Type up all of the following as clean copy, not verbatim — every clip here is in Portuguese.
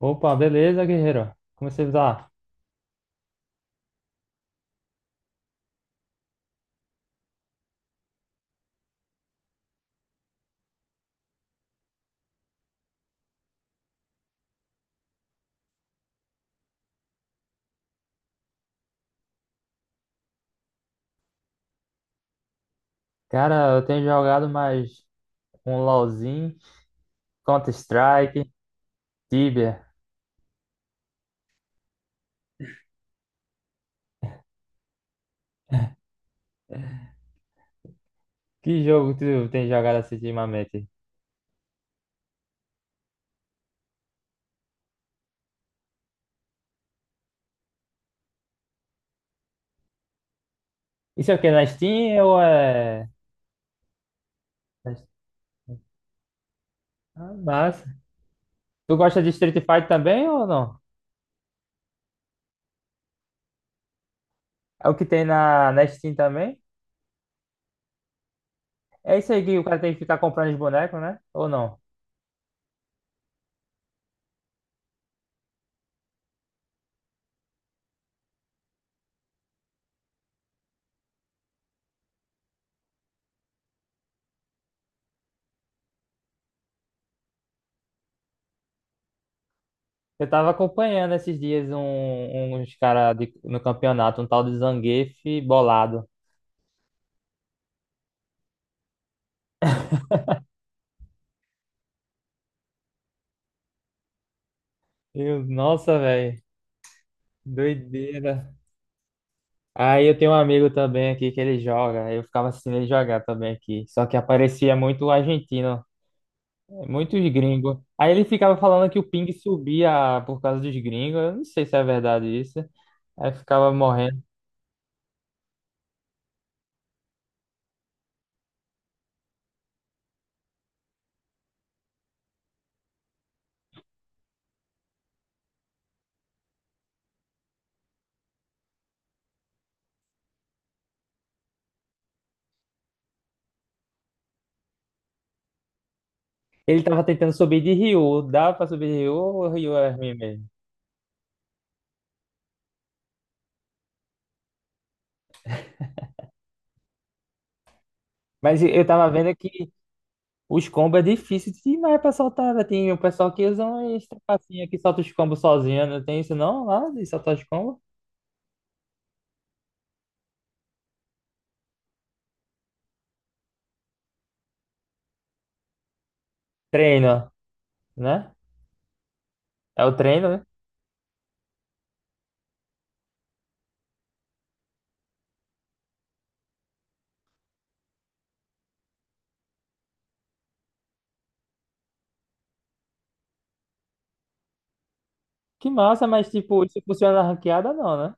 Opa, beleza, guerreiro? Como você tá? Cara, eu tenho jogado mais um LoLzinho, Counter-Strike, Tibia. Que jogo tu tem jogado assim ultimamente? Isso é o quê? Na Steam ou na Steam? Ah, massa. Tu gosta de Street Fighter também ou não? É o que tem na Steam também? É isso aí que o cara tem que ficar comprando os bonecos, né? Ou não? Eu tava acompanhando esses dias uns caras no campeonato, um tal de Zangief bolado. Nossa, velho. Doideira. Aí eu tenho um amigo também aqui que ele joga. Eu ficava assistindo ele jogar também aqui. Só que aparecia muito argentino, muitos gringos. Aí ele ficava falando que o ping subia por causa dos gringos. Eu não sei se é verdade isso. Aí eu ficava morrendo. Ele tava tentando subir de Ryu. Dá pra subir de Ryu ou Ryu é ruim mesmo? Mas eu tava vendo que os combos é difícil demais pra soltar, né? Tem o pessoal que usa umas trapacinhas que solta os combos sozinho. Não tem isso não? Lá de soltar os combos? Treino, né? É o treino, né? Que massa, mas tipo, isso funciona na ranqueada não, né?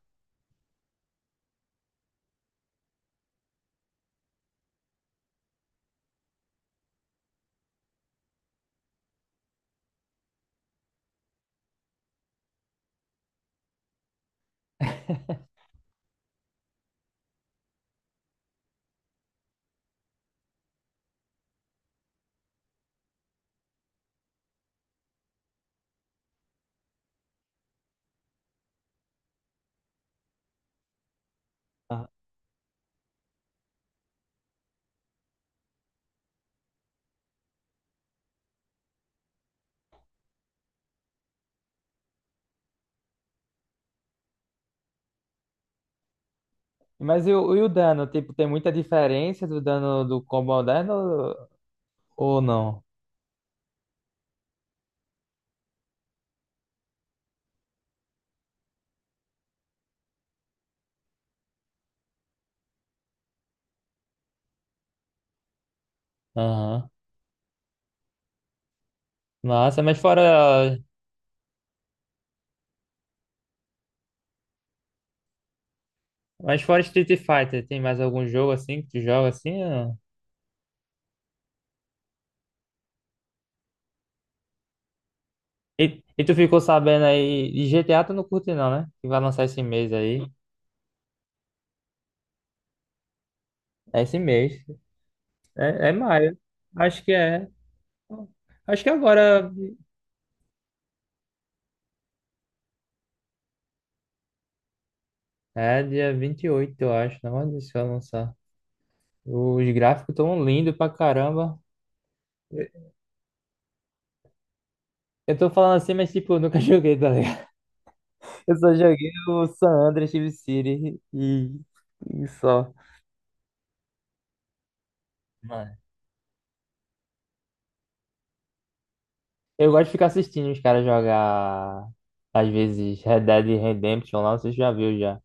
Ah, mas e o dano? Tipo, tem muita diferença do dano do combo moderno ou não? Aham. Massa, mas fora Street Fighter, tem mais algum jogo assim que tu joga assim? E tu ficou sabendo aí, de GTA tu não curte não, né? Que vai lançar esse mês aí. É esse mês. É maio. Acho que é. Acho que agora. É dia 28, eu acho. Não, mas isso vai lançar. Os gráficos tão lindos pra caramba. Eu eu tô falando assim, mas tipo, eu nunca joguei, tá ligado? Eu só joguei o San Andreas Chief City e só. Mano. Eu gosto de ficar assistindo os caras jogar, às vezes, Red Dead Redemption lá, não sei se já viu já.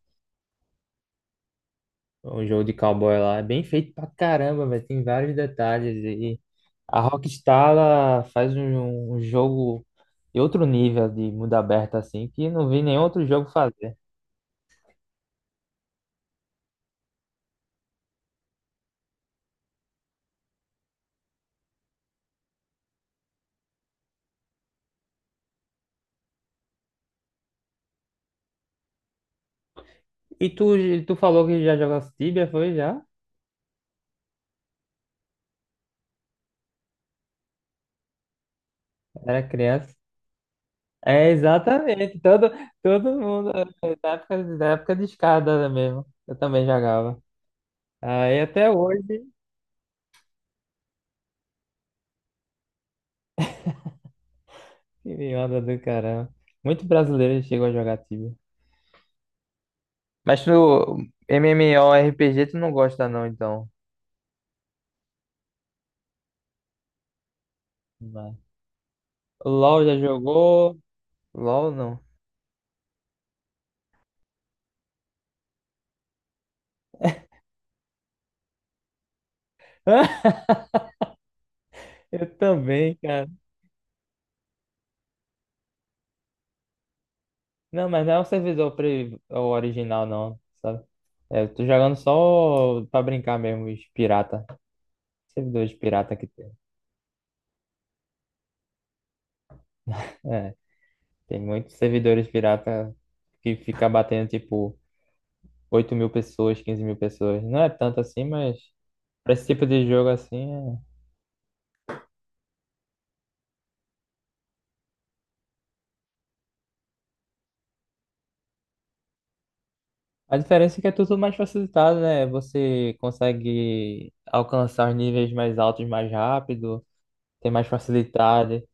Um jogo de cowboy lá. É bem feito pra caramba, velho. Tem vários detalhes. E a Rockstar ela faz um jogo de outro nível de mundo aberto assim, que não vi nenhum outro jogo fazer. E tu falou que já jogou Tibia, foi já? Era criança. É, exatamente. Todo mundo, da época, de escada mesmo. Eu também jogava. Aí até hoje, que me onda do caramba. Muito brasileiro chegou a jogar Tibia. Mas no MMORPG tu não gosta não, então. Não. LOL já jogou? LOL não. Eu também, cara. Não, mas não é o servidor o original, não, sabe? É, eu tô jogando só pra brincar mesmo, os pirata. Servidores pirata que tem. É, tem muitos servidores pirata que fica batendo, tipo, 8.000 pessoas, 15.000 pessoas. Não é tanto assim, mas pra esse tipo de jogo, assim, é. A diferença é que é tudo mais facilitado, né? Você consegue alcançar os níveis mais altos mais rápido, tem mais facilidade.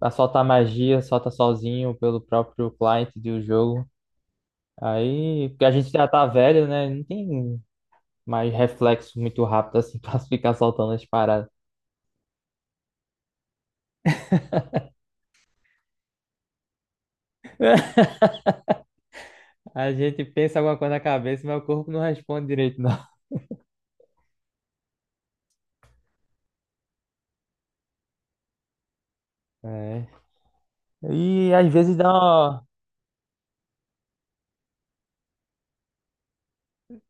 Pra soltar magia, solta sozinho pelo próprio client do jogo. Aí, porque a gente já tá velho, né? Não tem mais reflexo muito rápido assim pra ficar soltando as paradas. A gente pensa alguma coisa na cabeça, mas o corpo não responde direito, não. É. E às vezes dá uma.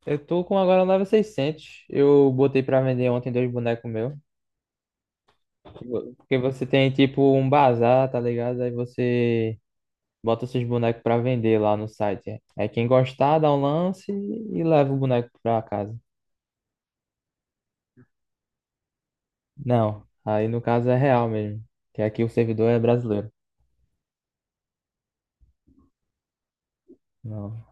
Eu tô com agora um 9600. Eu botei pra vender ontem dois bonecos meus. Porque você tem tipo um bazar, tá ligado? Aí você bota seus bonecos pra vender lá no site. Aí quem gostar dá um lance e leva o boneco pra casa. Não, aí no caso é real mesmo, que aqui o servidor é brasileiro. Não.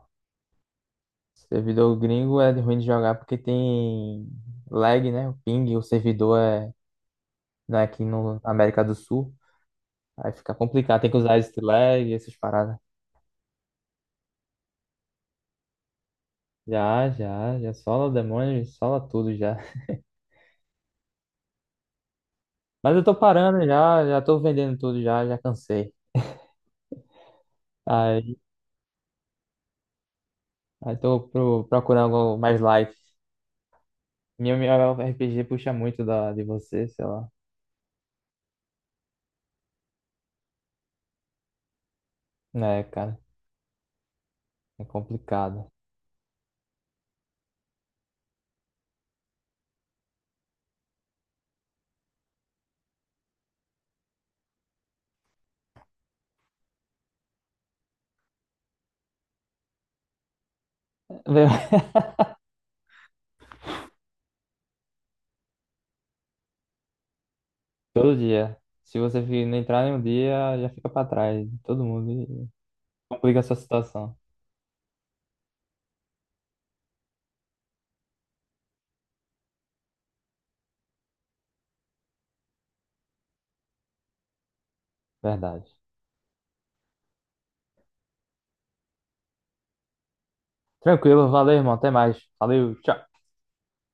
Servidor gringo é ruim de jogar porque tem lag, né? O ping, o servidor é né, aqui no na América do Sul. Aí fica complicado, tem que usar esse lag, essas paradas. Já, já, já sola o demônio, sola tudo já. Mas eu tô parando já, já tô vendendo tudo já, já cansei. Aí, aí tô procurando algo mais light. Minha RPG puxa muito de você, sei lá. É, cara, é complicado. Meu, Todo dia. Se você não entrar em um dia, já fica pra trás. Todo mundo e complica a sua situação. Verdade. Tranquilo, valeu, irmão. Até mais. Valeu, tchau.